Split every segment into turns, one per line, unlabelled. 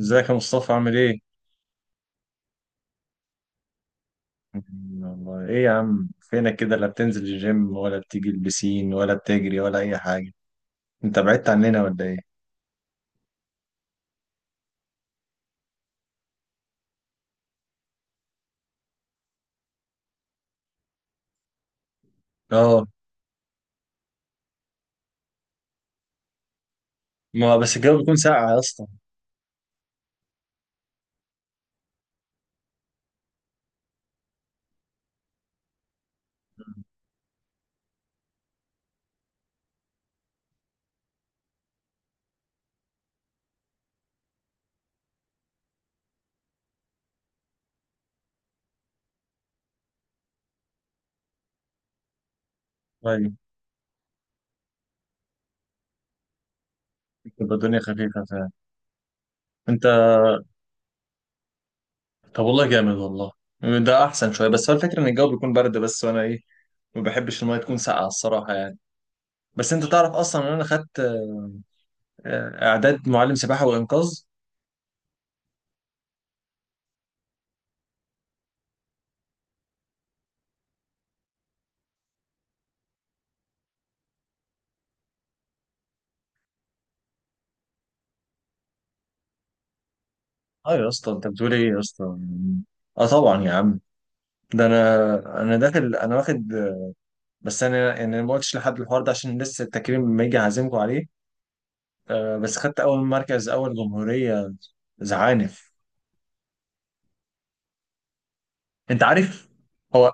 ازيك يا مصطفى؟ عامل ايه؟ والله ايه يا عم، فينك كده؟ لا بتنزل الجيم ولا بتيجي البسين ولا بتجري ولا اي حاجة. انت بعدت عننا ولا ايه؟ اه. ما بس الجو بيكون ساقع يا اسطى. طيب. بتبقى الدنيا خفيفة فعلا. انت؟ طب والله جامد والله. ده احسن شوية. بس هو الفكرة ان الجو بيكون برد بس، وانا ايه، ما بحبش المية تكون ساقعة الصراحة يعني. بس انت تعرف اصلا ان انا خدت اعداد معلم سباحة وانقاذ؟ اه يا اسطى انت بتقول ايه يا اسطى؟ اه طبعا يا عم. ده انا داخل انا واخد. بس انا يعني أنا ما قلتش لحد الحوار ده عشان لسه التكريم لما يجي هعزمكم عليه. بس خدت اول مركز، اول جمهورية زعانف. انت عارف. هو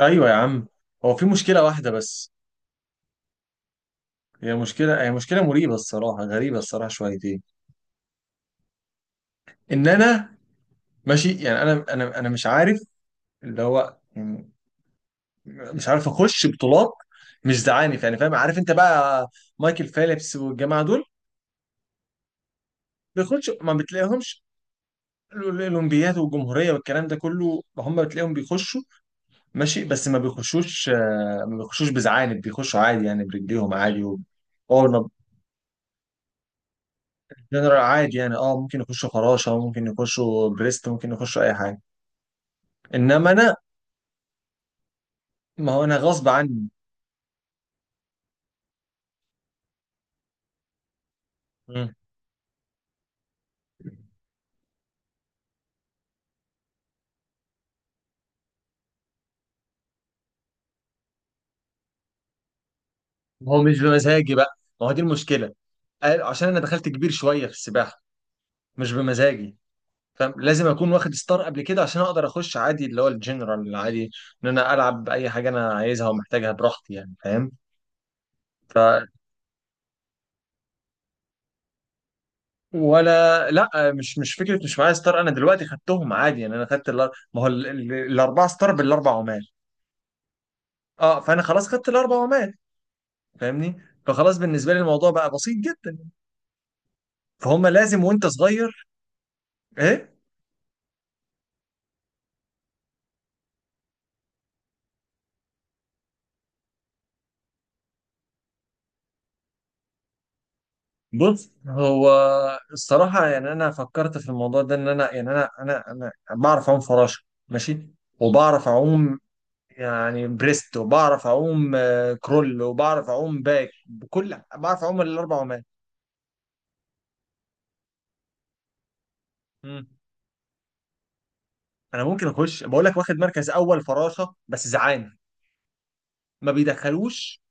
ايوه يا عم. هو في مشكلة واحدة بس. هي مشكلة مريبة الصراحة، غريبة الصراحة شويتين. ان انا ماشي يعني انا مش عارف اللي هو يعني مش عارف اخش بطولات مش زعانف يعني، فاهم، عارف انت بقى. مايكل فيليبس والجماعة دول بيخش ما بتلاقيهمش. الاولمبياد والجمهوريه والكلام ده كله هم بتلاقيهم بيخشوا ماشي، بس ما بيخشوش، ما بيخشوش بزعانف، بيخشوا عادي يعني برجليهم عادي و... اه ما- جنرال عادي يعني، اه، ممكن يخشوا فراشه، ممكن يخشوا بريست، ممكن يخشوا اي حاجه. انما انا، ما هو انا غصب عني. مم. ما هو مش بمزاجي بقى، ما هو دي المشكله. عشان انا دخلت كبير شويه في السباحه، مش بمزاجي، فاهم. لازم اكون واخد ستار قبل كده عشان اقدر اخش عادي اللي هو الجنرال العادي، ان انا العب باي حاجه انا عايزها ومحتاجها براحتي يعني، فاهم. ف ولا لا، مش فكره، مش معايا ستار. انا دلوقتي خدتهم عادي يعني، انا خدت الار- ما هو ال- ال- الاربعه ستار بالاربع عمال. اه، فانا خلاص خدت الاربع عمال، فاهمني، فخلاص بالنسبه لي الموضوع بقى بسيط جدا. فهم لازم وانت صغير. ايه. بص هو، الصراحه يعني، انا فكرت في الموضوع ده ان انا يعني انا بعرف اعوم فراشه، ماشي، وبعرف اعوم يعني بريست، وبعرف اعوم كرول، وبعرف اعوم باك، بكل بعرف اعوم الاربع عمال. انا ممكن اخش بقول لك واخد مركز اول فراشه بس ما بيدخلوش.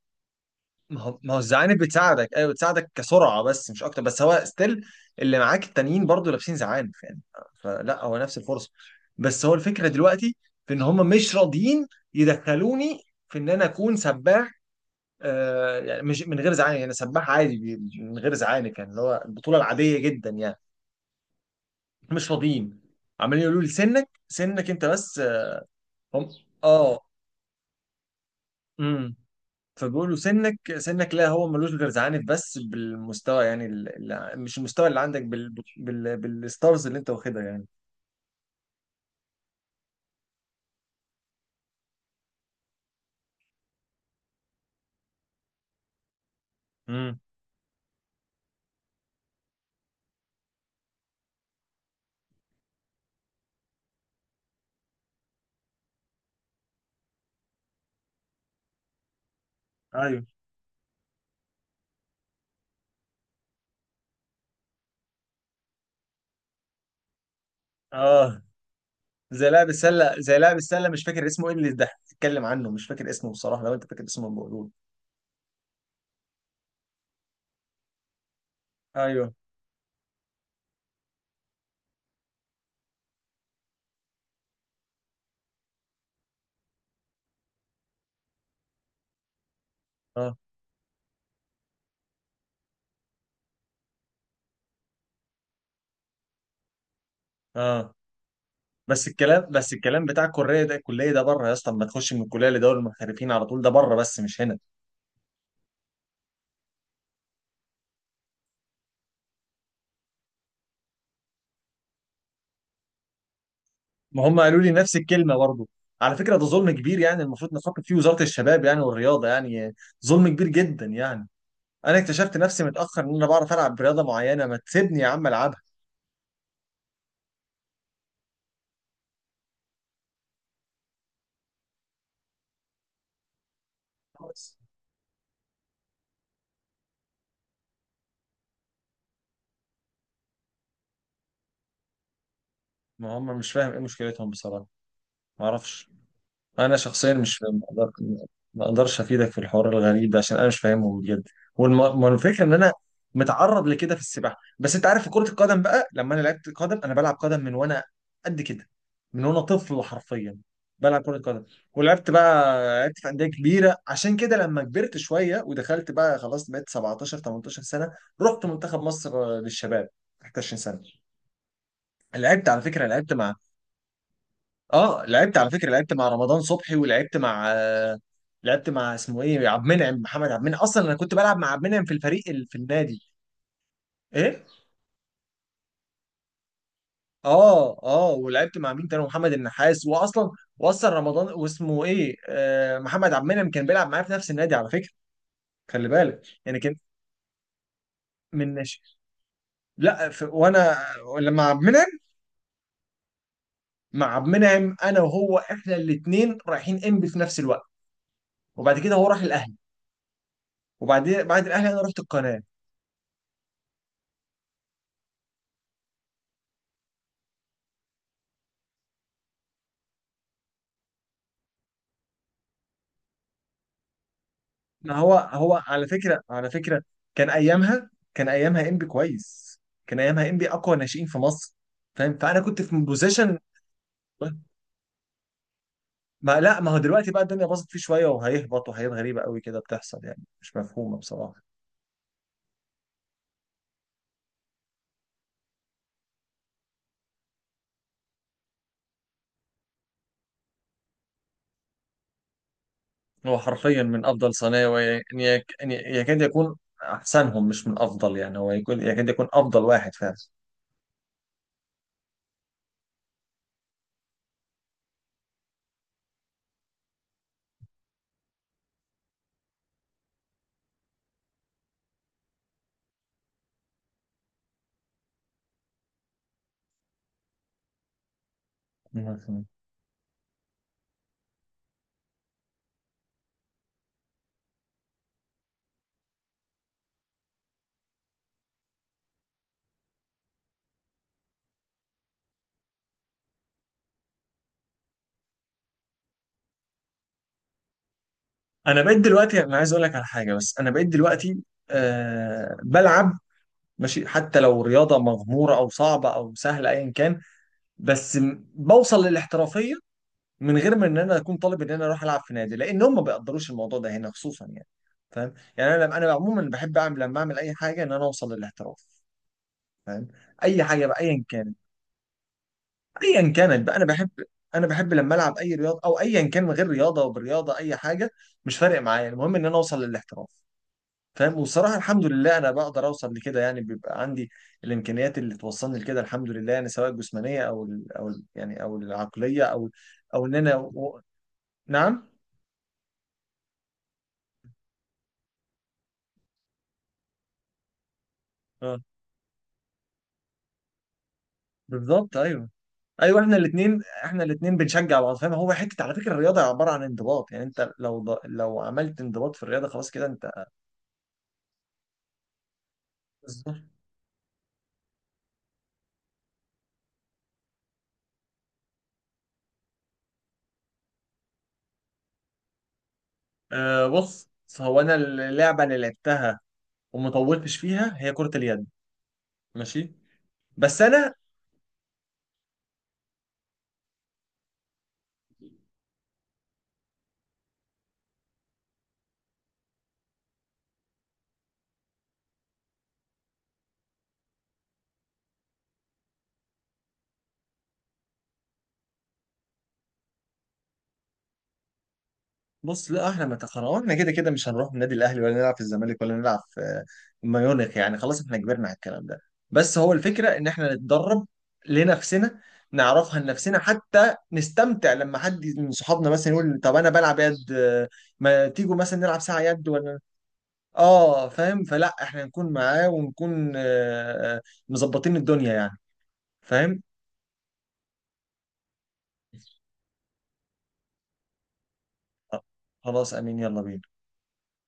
ما هو، ما هو الزعانف بتساعدك، ايوه بتساعدك كسرعه بس مش اكتر، بس هو ستيل اللي معاك التانيين برضو لابسين زعانف يعني، فلا هو نفس الفرصه. بس هو الفكره دلوقتي في ان هم مش راضيين يدخلوني في ان انا اكون سباح آه، يعني مش من غير زعانف، يعني سباح عادي من غير زعانف، يعني اللي هو البطوله العاديه جدا يعني، مش راضيين. عمالين يقولوا لي سنك، سنك انت بس هم. اه. فبيقول له سنك، سنك، لا هو ملوش غير زعانف بس بالمستوى يعني مش المستوى اللي عندك بالستارز اللي انت واخدها يعني. امم. ايوه. اه زي لاعب السله، زي لاعب السله مش فاكر اسمه ايه اللي ده اتكلم عنه، مش فاكر اسمه بصراحه، لو انت فاكر اسمه بقوله. ايوه. اه. اه بس الكلام بتاع الكليه ده، الكليه ده بره يا اسطى، اما تخش من الكليه لدوري المحترفين على طول ده بره، بس مش هنا. ما هم قالوا لي نفس الكلمه برضه. على فكره ده ظلم كبير يعني، المفروض نفكر فيه وزاره الشباب يعني والرياضه يعني. ظلم كبير جدا يعني. انا اكتشفت نفسي متاخر ان انا بعرف العب رياضه معينه، ما تسيبني يا عم العبها. بس ما هم مش فاهم ايه مشكلتهم بصراحه، ما اعرفش. انا شخصيا مش فاهم- ما أقدر- ما اقدرش افيدك في الحوار الغريب ده عشان انا مش فاهمه بجد. والفكره ان انا متعرض لكده في السباحه، بس انت عارف في كره القدم بقى لما انا لعبت قدم، انا بلعب قدم من وانا قد كده، من وانا طفل حرفيا بلعب كره قدم. ولعبت بقى، لعبت في انديه كبيره عشان كده لما كبرت شويه ودخلت بقى خلاص بقيت 17 18 سنه، رحت منتخب مصر للشباب، 21 سنه. لعبت على فكره لعبت مع اه لعبت على فكره لعبت مع رمضان صبحي، ولعبت مع لعبت مع اسمه ايه، عبد المنعم، محمد عبد المنعم. اصلا انا كنت بلعب مع عبد المنعم في الفريق اللي في النادي. ايه. اه. اه ولعبت مع مين تاني؟ محمد النحاس. واصلا، واصلا رمضان واسمه ايه آه محمد عبد المنعم كان بيلعب معايا في نفس النادي على فكره. خلي بالك يعني، كان من ناشئ. لا، في وانا، لما عبد المنعم، مع عبد المنعم انا وهو احنا الاثنين رايحين انبي في نفس الوقت، وبعد كده هو راح الاهلي، وبعدين بعد الاهلي انا رحت القناه. ما هو هو على فكره، على فكره كان ايامها، كان ايامها انبي كويس، كان ايامها انبي اقوى ناشئين في مصر، فاهم. فانا كنت في بوزيشن. ما لا، ما هو دلوقتي بقى الدنيا باظت فيه شويه، وهيهبط، وحاجات غريبه قوي كده بتحصل يعني مش مفهومه بصراحه. هو حرفيا من افضل صنايع يعني يكاد يكون احسنهم، مش من افضل يعني، هو يكون يكاد يكون افضل واحد فعلا. مفهوم. انا بقيت دلوقتي، انا عايز اقول لك على حاجه، بس انا بقيت دلوقتي أه بلعب ماشي، حتى لو رياضة مغمورة أو صعبة أو سهلة أيا كان، بس بوصل للاحترافية، من غير ما إن أنا أكون طالب إن أنا أروح ألعب في نادي، لأن هم ما بيقدروش الموضوع ده هنا خصوصا يعني، فاهم يعني. أنا عموما بحب أعمل لما أعمل أي حاجة إن أنا أوصل للاحتراف، فاهم. أي حاجة بقى أيا كانت، أيا كانت بقى أنا بحب، أنا بحب لما ألعب أي رياضة أو أيا كان من غير رياضة وبرياضة أي حاجة، مش فارق معايا، المهم إن أنا أوصل للاحتراف، فاهم. وصراحة الحمد لله أنا بقدر أوصل لكده يعني، بيبقى عندي الإمكانيات اللي توصلني لكده الحمد لله يعني، سواء الجسمانية أو ال يعني أو العقلية أو أو إن أنا و... نعم. أه بالظبط، أيوه. ايوه احنا الاثنين بنشجع بعض، فاهم. هو حته على فكره الرياضه عباره عن انضباط يعني، انت لو لو عملت انضباط في الرياضه خلاص كده انت. بالظبط. آه بص هو، انا اللعبه اللي لعبتها وما طولتش فيها هي كره اليد، ماشي. بس انا، بص لا احنا ما تخرجنا، احنا كده كده مش هنروح النادي الاهلي ولا نلعب في الزمالك ولا نلعب في ميونخ يعني، خلاص احنا كبرنا على الكلام ده. بس هو الفكره ان احنا نتدرب لنفسنا، نعرفها لنفسنا حتى نستمتع لما حد من صحابنا مثلا يقول طب انا بلعب يد، ما تيجوا مثلا نلعب ساعه يد ولا. اه، فاهم، فلا احنا نكون معاه ونكون مظبطين الدنيا يعني. فاهم. خلاص، امين، يلا بينا.